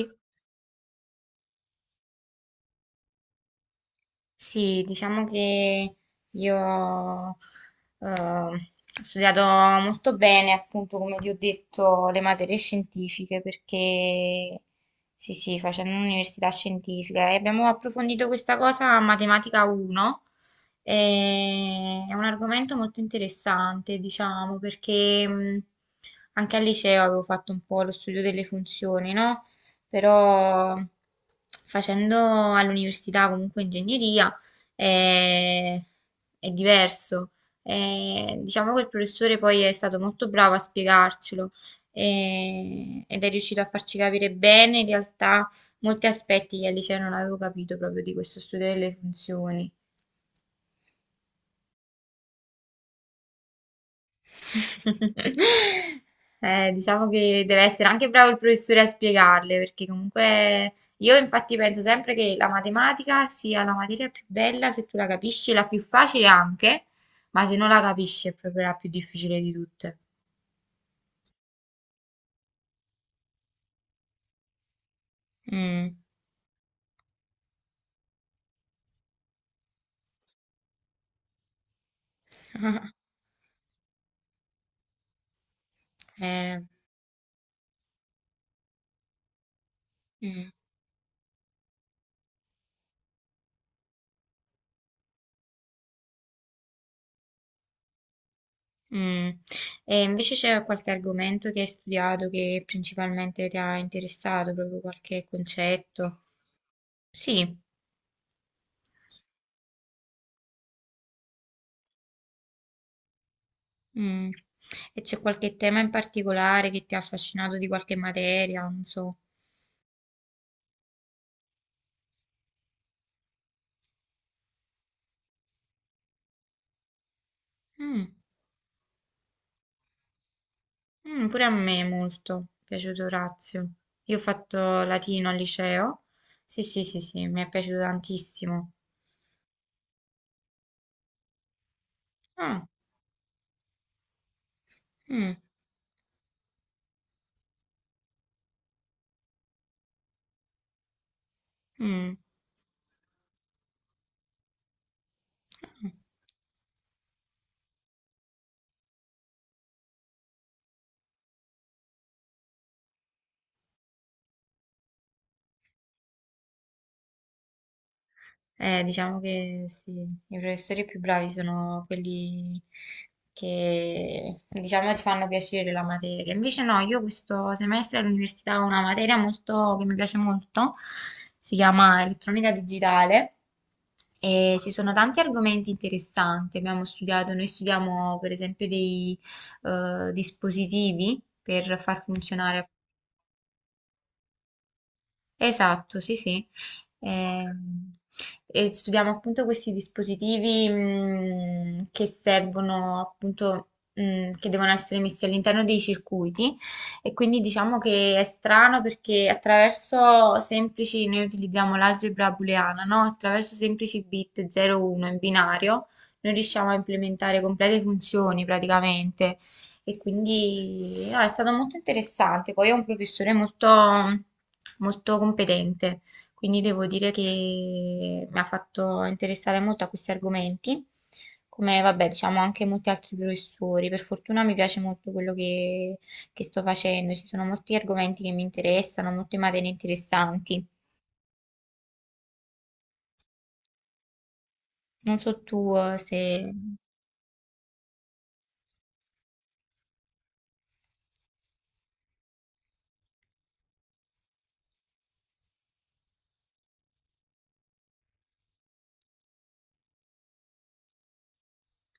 Io- Sì, diciamo che io ho studiato molto bene, appunto, come ti ho detto, le materie scientifiche, perché sì, sì, facendo un'università scientifica e abbiamo approfondito questa cosa a Matematica 1. È un argomento molto interessante, diciamo, perché anche al liceo avevo fatto un po' lo studio delle funzioni, no? Però facendo all'università comunque ingegneria è, è diverso. Diciamo che il professore poi è stato molto bravo a spiegarcelo, ed è riuscito a farci capire bene in realtà molti aspetti che al liceo non avevo capito proprio di questo studio delle funzioni. Diciamo che deve essere anche bravo il professore a spiegarle, perché comunque io infatti penso sempre che la matematica sia la materia più bella se tu la capisci, la più facile anche, ma se non la capisci è proprio la più difficile di tutte. Mm, eh, mm, mm. E invece c'è qualche argomento che hai studiato che principalmente ti ha interessato, proprio qualche concetto? Sì. Mm. E c'è qualche tema in particolare che ti ha affascinato di qualche materia, non so. Mm. Mm, pure a me molto è piaciuto Orazio. Io ho fatto latino al liceo. Sì, sì, sì, sì, mi è piaciuto tantissimo. Ah, mm, mm, mm. Diciamo che sì, i professori più bravi sono quelli che, diciamo, ti fanno piacere la materia. Invece no, io questo semestre all'università ho una materia molto, che mi piace molto, si chiama elettronica digitale e ci sono tanti argomenti interessanti. Abbiamo studiato, noi studiamo per esempio dei dispositivi per far funzionare. Esatto, sì, sì. Ehm, E, studiamo appunto questi dispositivi che servono appunto, che devono essere messi all'interno dei circuiti, e quindi diciamo che è strano perché attraverso semplici, noi utilizziamo l'algebra booleana, no? Attraverso semplici bit 0-1 in binario noi riusciamo a implementare complete funzioni praticamente. E quindi no, è stato molto interessante. Poi è un professore molto, molto competente, quindi devo dire che mi ha fatto interessare molto a questi argomenti, come vabbè, diciamo anche molti altri professori. Per fortuna mi piace molto quello che sto facendo, ci sono molti argomenti che mi interessano, molte materie interessanti. Non so tu se...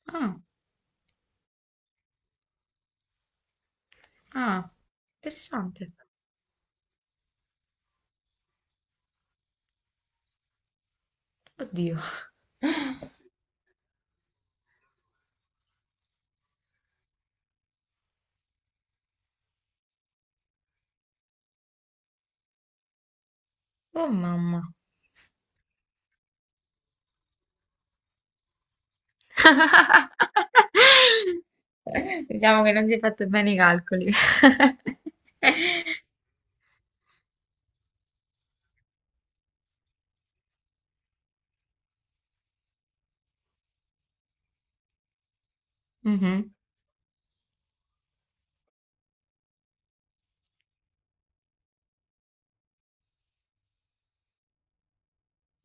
Ah, ah, interessante. Oddio. Oh mamma. Diciamo che non si è fatto bene i calcoli. Mhm,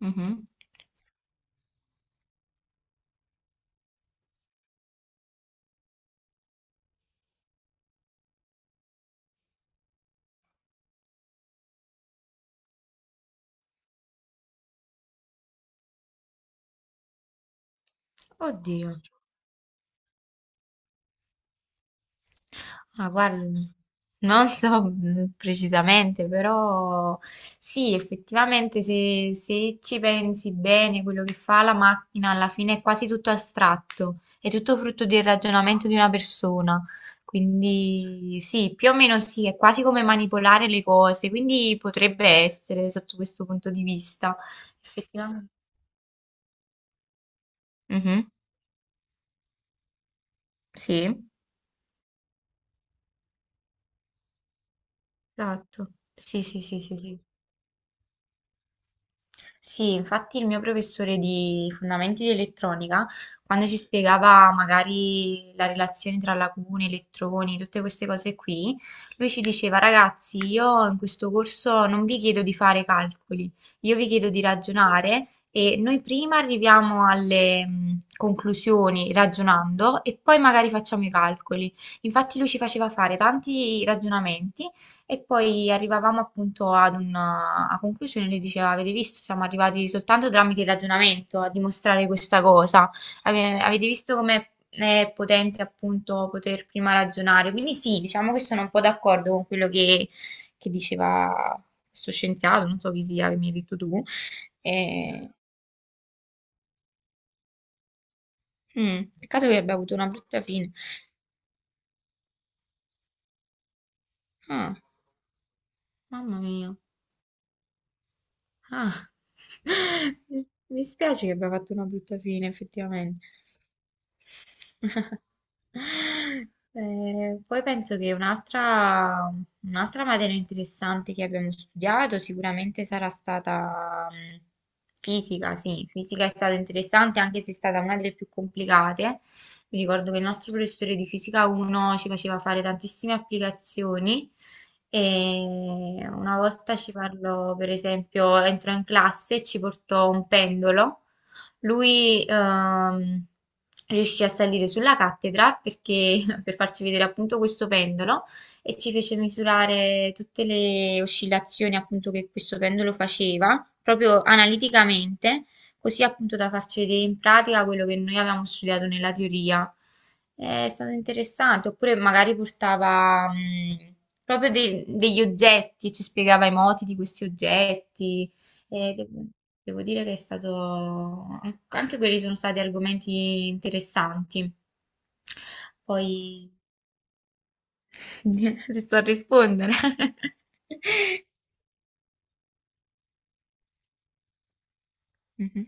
mhm. Oddio. Ah, guarda, non so precisamente, però sì, effettivamente se, se ci pensi bene, quello che fa la macchina alla fine è quasi tutto astratto, è tutto frutto del ragionamento di una persona. Quindi sì, più o meno sì, è quasi come manipolare le cose, quindi potrebbe essere sotto questo punto di vista. Effettivamente. Mhm. Sì, esatto. Sì, sì, sì, sì, sì. Sì, infatti il mio professore di fondamenti di elettronica, quando ci spiegava magari la relazione tra lacune, elettroni, tutte queste cose qui, lui ci diceva, ragazzi, io in questo corso non vi chiedo di fare calcoli, io vi chiedo di ragionare e noi prima arriviamo alle conclusioni ragionando e poi magari facciamo i calcoli. Infatti lui ci faceva fare tanti ragionamenti e poi arrivavamo appunto ad una a conclusione, lui diceva, avete visto, siamo arrivati soltanto tramite il ragionamento a dimostrare questa cosa. Avete visto come è potente appunto poter prima ragionare, quindi sì, diciamo che sono un po' d'accordo con quello che diceva questo scienziato, non so chi sia, che mi hai detto tu. E- Peccato che abbia avuto una brutta fine. Ah, mamma mia. Ah. Mi mi spiace che abbia fatto una brutta fine effettivamente. Poi penso che un'altra materia interessante che abbiamo studiato sicuramente sarà stata fisica, sì, fisica è stata interessante anche se è stata una delle più complicate. Mi ricordo che il nostro professore di fisica 1 ci faceva fare tantissime applicazioni e una volta ci parlò, per esempio, entrò in classe e ci portò un pendolo, lui riuscì a salire sulla cattedra perché, per farci vedere appunto questo pendolo, e ci fece misurare tutte le oscillazioni appunto che questo pendolo faceva, proprio analiticamente, così appunto da farci vedere in pratica quello che noi avevamo studiato nella teoria. È stato interessante, oppure magari portava proprio degli oggetti, ci spiegava i moti di questi oggetti. E devo, devo dire che è stato... Anche quelli sono stati argomenti interessanti. Poi... Ti so rispondere. Mhm.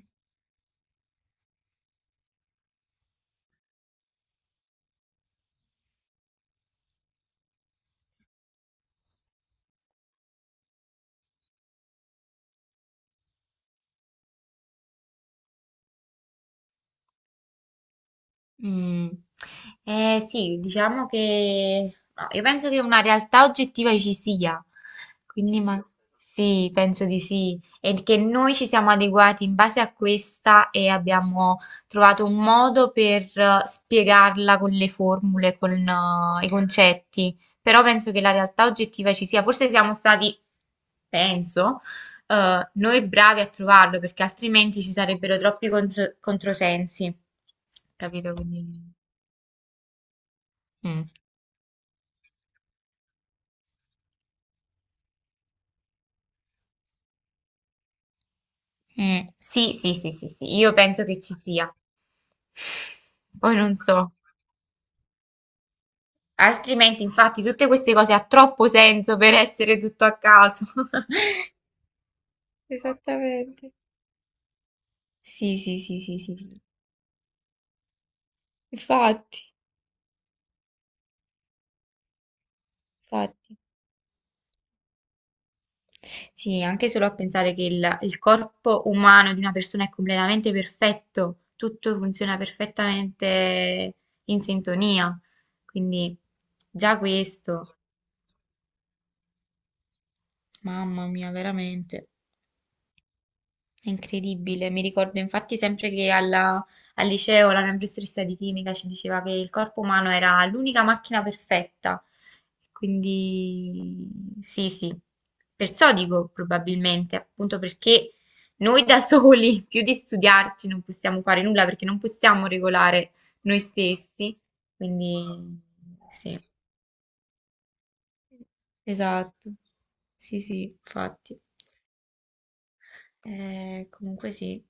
Mm. Eh sì, diciamo che no, io penso che una realtà oggettiva ci sia, quindi ma... sì, penso di sì, e che noi ci siamo adeguati in base a questa e abbiamo trovato un modo per spiegarla con le formule, con i concetti, però penso che la realtà oggettiva ci sia, forse siamo stati, penso, noi bravi a trovarlo, perché altrimenti ci sarebbero troppi controsensi. Capito? Quindi... mm. Mm. Sì, sì, sì, sì, sì, io penso che ci sia. Poi non so. Altrimenti, infatti, tutte queste cose ha troppo senso per essere tutto a caso. Esattamente. Sì, sì, sì, sì, sì, sì. Infatti, infatti. Sì, anche solo a pensare che il corpo umano di una persona è completamente perfetto, tutto funziona perfettamente in sintonia. Quindi già questo, mamma mia, veramente. È incredibile, mi ricordo infatti sempre che al liceo la mia professoressa di chimica ci diceva che il corpo umano era l'unica macchina perfetta, quindi sì, sì, perciò dico probabilmente, appunto perché noi da soli, più di studiarci, non possiamo fare nulla perché non possiamo regolare noi stessi, quindi sì, esatto, sì, sì, infatti. Comunque sì.